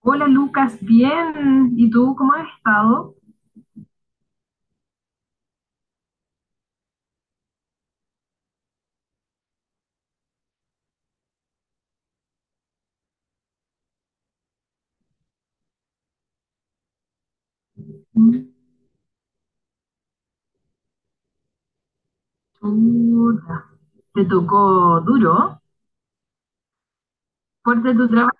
Hola Lucas, bien. ¿Y tú cómo has estado? Mm, chuta. ¿Te tocó duro? ¿Fuerte tu trabajo?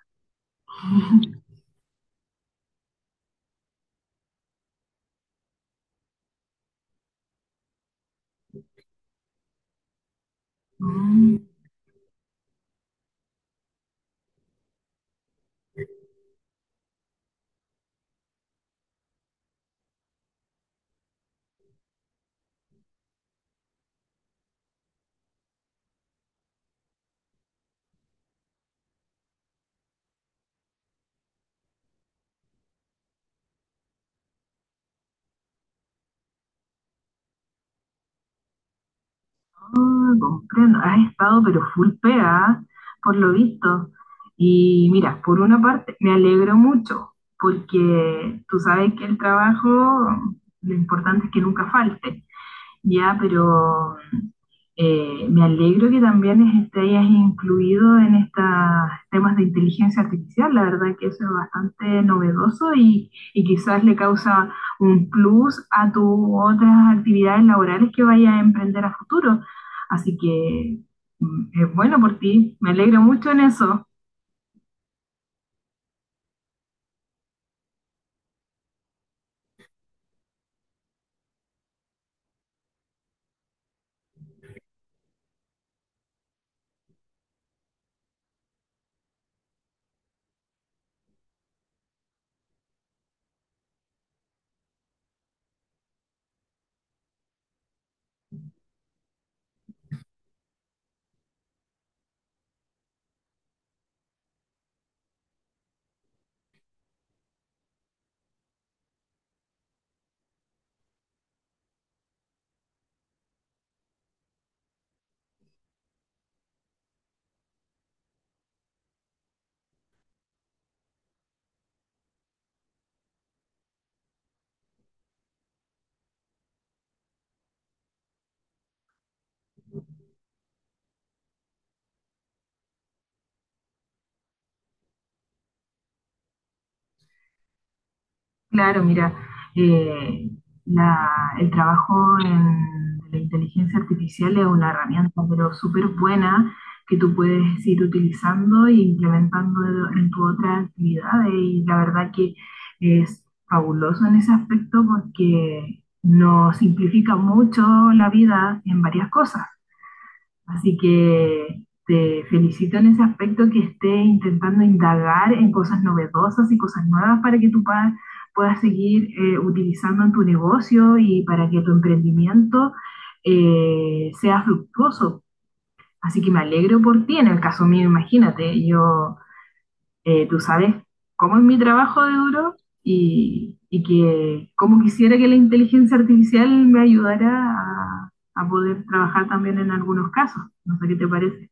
Mm, ah, comprendo. Has estado pero full pega, por lo visto. Y mira, por una parte me alegro mucho, porque tú sabes que el trabajo, lo importante es que nunca falte. Ya, pero me alegro que también te hayas incluido en estos temas de inteligencia artificial. La verdad que eso es bastante novedoso y quizás le causa un plus a tus otras actividades laborales que vayas a emprender a futuro. Así que mm, es bueno por ti. Me alegro mucho en eso. Claro, mira, eh, la- el trabajo en la inteligencia artificial es una herramienta, pero súper buena que tú puedes ir utilizando e implementando en tu otra actividad. Y la verdad que es fabuloso en ese aspecto porque nos simplifica mucho la vida en varias cosas. Así que te felicito en ese aspecto que esté intentando indagar en cosas novedosas y cosas nuevas para que tú puedas seguir utilizando en tu negocio y para que tu emprendimiento sea fructuoso. Así que me alegro por ti. En el caso mío, imagínate, yo, tú sabes cómo es mi trabajo de duro y que cómo quisiera que la inteligencia artificial me ayudara a poder trabajar también en algunos casos. No sé qué te parece.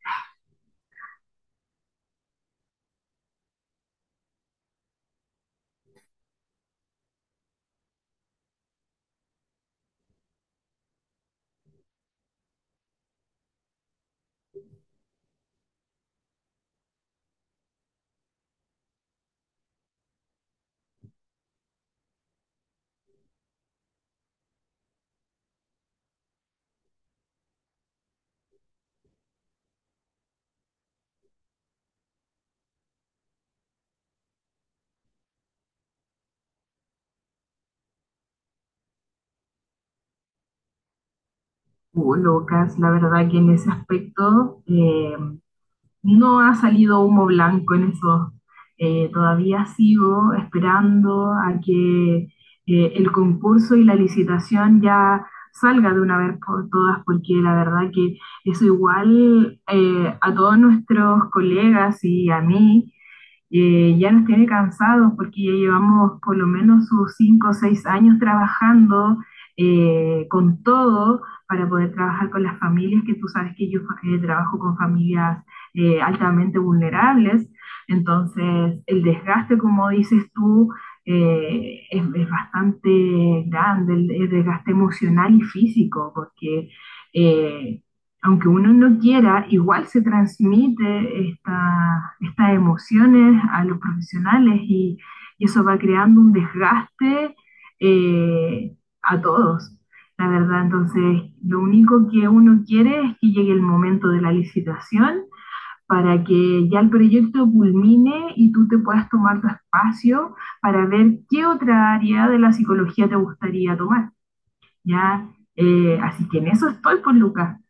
Lucas, la verdad que en ese aspecto no ha salido humo blanco en eso. Todavía sigo esperando a que el concurso y la licitación ya salga de una vez por todas, porque la verdad que eso igual a todos nuestros colegas y a mí ya nos tiene cansados porque ya llevamos por lo menos sus cinco o seis años trabajando con todo para poder trabajar con las familias, que tú sabes que yo trabajo con familias altamente vulnerables, entonces el desgaste, como dices tú, es bastante grande, desgaste emocional y físico, porque eh, aunque uno no quiera, igual se transmite estas emociones a los profesionales y eso va creando un desgaste eh, a todos, la verdad. Entonces, lo único que uno quiere es que llegue el momento de la licitación para que ya el proyecto culmine y tú te puedas tomar tu espacio para ver qué otra área de la psicología te gustaría tomar. ¿Ya? Así que en eso estoy con Lucas.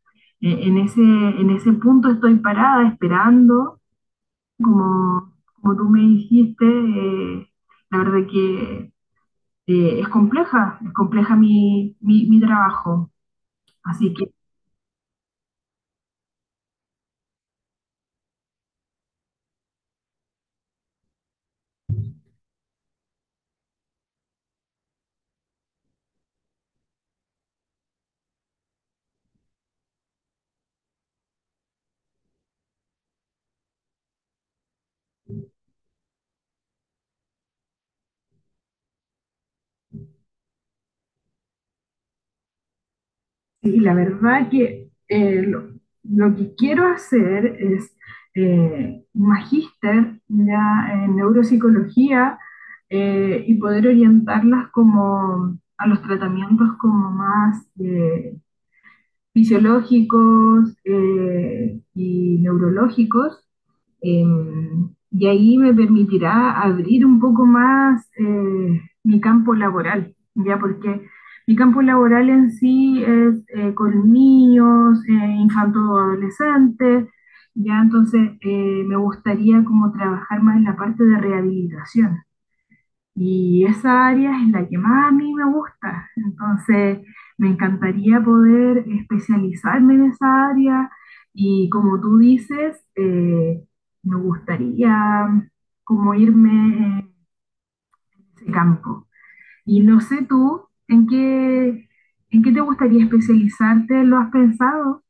En ese punto estoy parada esperando, como tú me dijiste, la verdad que es compleja mi trabajo. Así. Sí, la verdad que lo que quiero hacer es un magíster ya en neuropsicología y poder orientarlas como a los tratamientos como más fisiológicos y neurológicos, eh, y ahí me permitirá abrir un poco más mi campo laboral, ya porque mi campo laboral en sí es con niños, infantos o adolescentes, ya entonces me gustaría como trabajar más en la parte de rehabilitación y esa área es la que más a mí me gusta. Entonces, me encantaría poder especializarme en esa área y como tú dices, me gustaría como irme en ese campo. Y no sé tú, ¿en qué te gustaría especializarte? ¿Lo has pensado?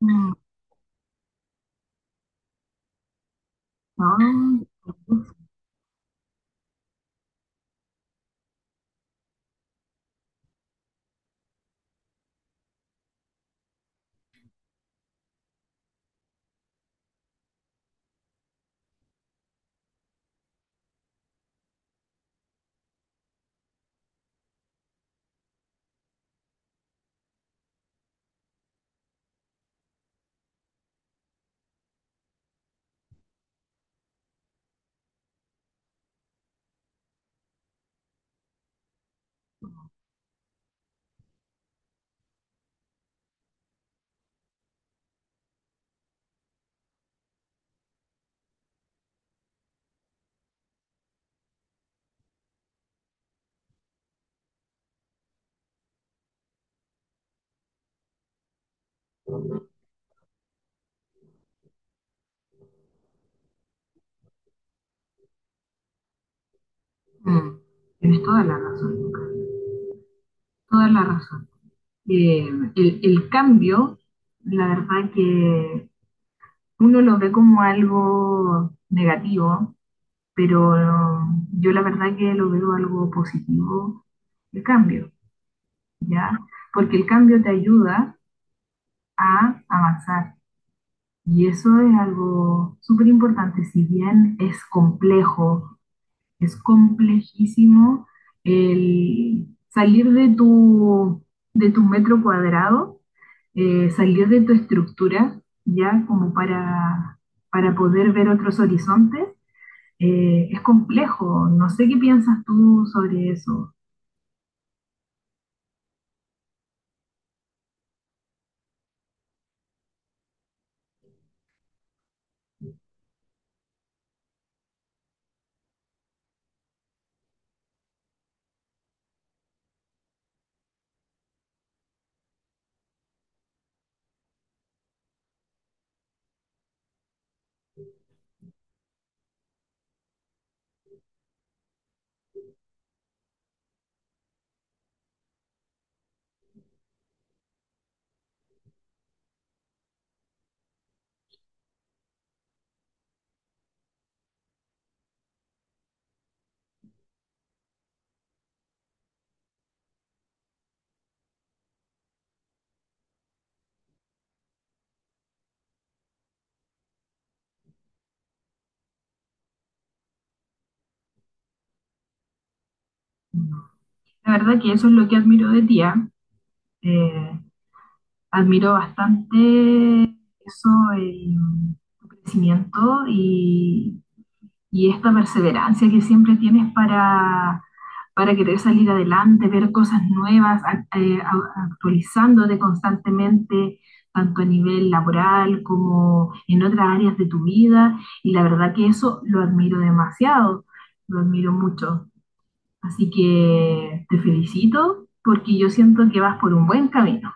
Mm, no, pues, mm, tienes toda la razón, Lucas. Toda la razón. eh, el cambio, la verdad que uno lo ve como algo negativo, pero yo la verdad que lo veo algo positivo, el cambio, ¿ya? Porque el cambio te ayuda a avanzar y eso es algo súper importante, si bien es complejo. Es complejísimo el salir de tu metro cuadrado, salir de tu estructura, ya como para poder ver otros horizontes. Es complejo, no sé qué piensas tú sobre eso. La verdad que eso es lo que admiro de ti. ¿Ah? Eh, admiro bastante eso, el, tu crecimiento y y esta perseverancia que siempre tienes para querer salir adelante, ver cosas nuevas, actualizándote constantemente, tanto a nivel laboral como en otras áreas de tu vida. Y la verdad que eso lo admiro demasiado, lo admiro mucho. Así que te felicito porque yo siento que vas por un buen camino.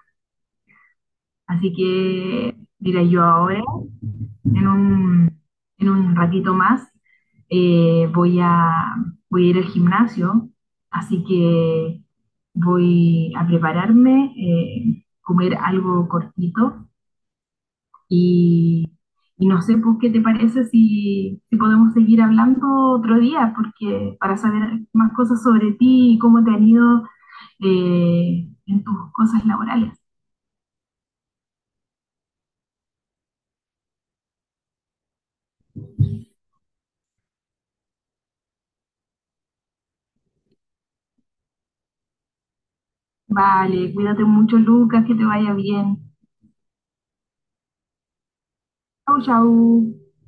Así que diré yo ahora en un, en un ratito más eh, voy a, voy a ir al gimnasio, así que voy a prepararme, comer algo cortito y, y no sé, pues, ¿qué te parece si podemos seguir hablando otro día? Porque para saber más cosas sobre ti y cómo te han ido en tus cosas laborales. Vale, cuídate mucho, Lucas, que te vaya bien. Chau, chau.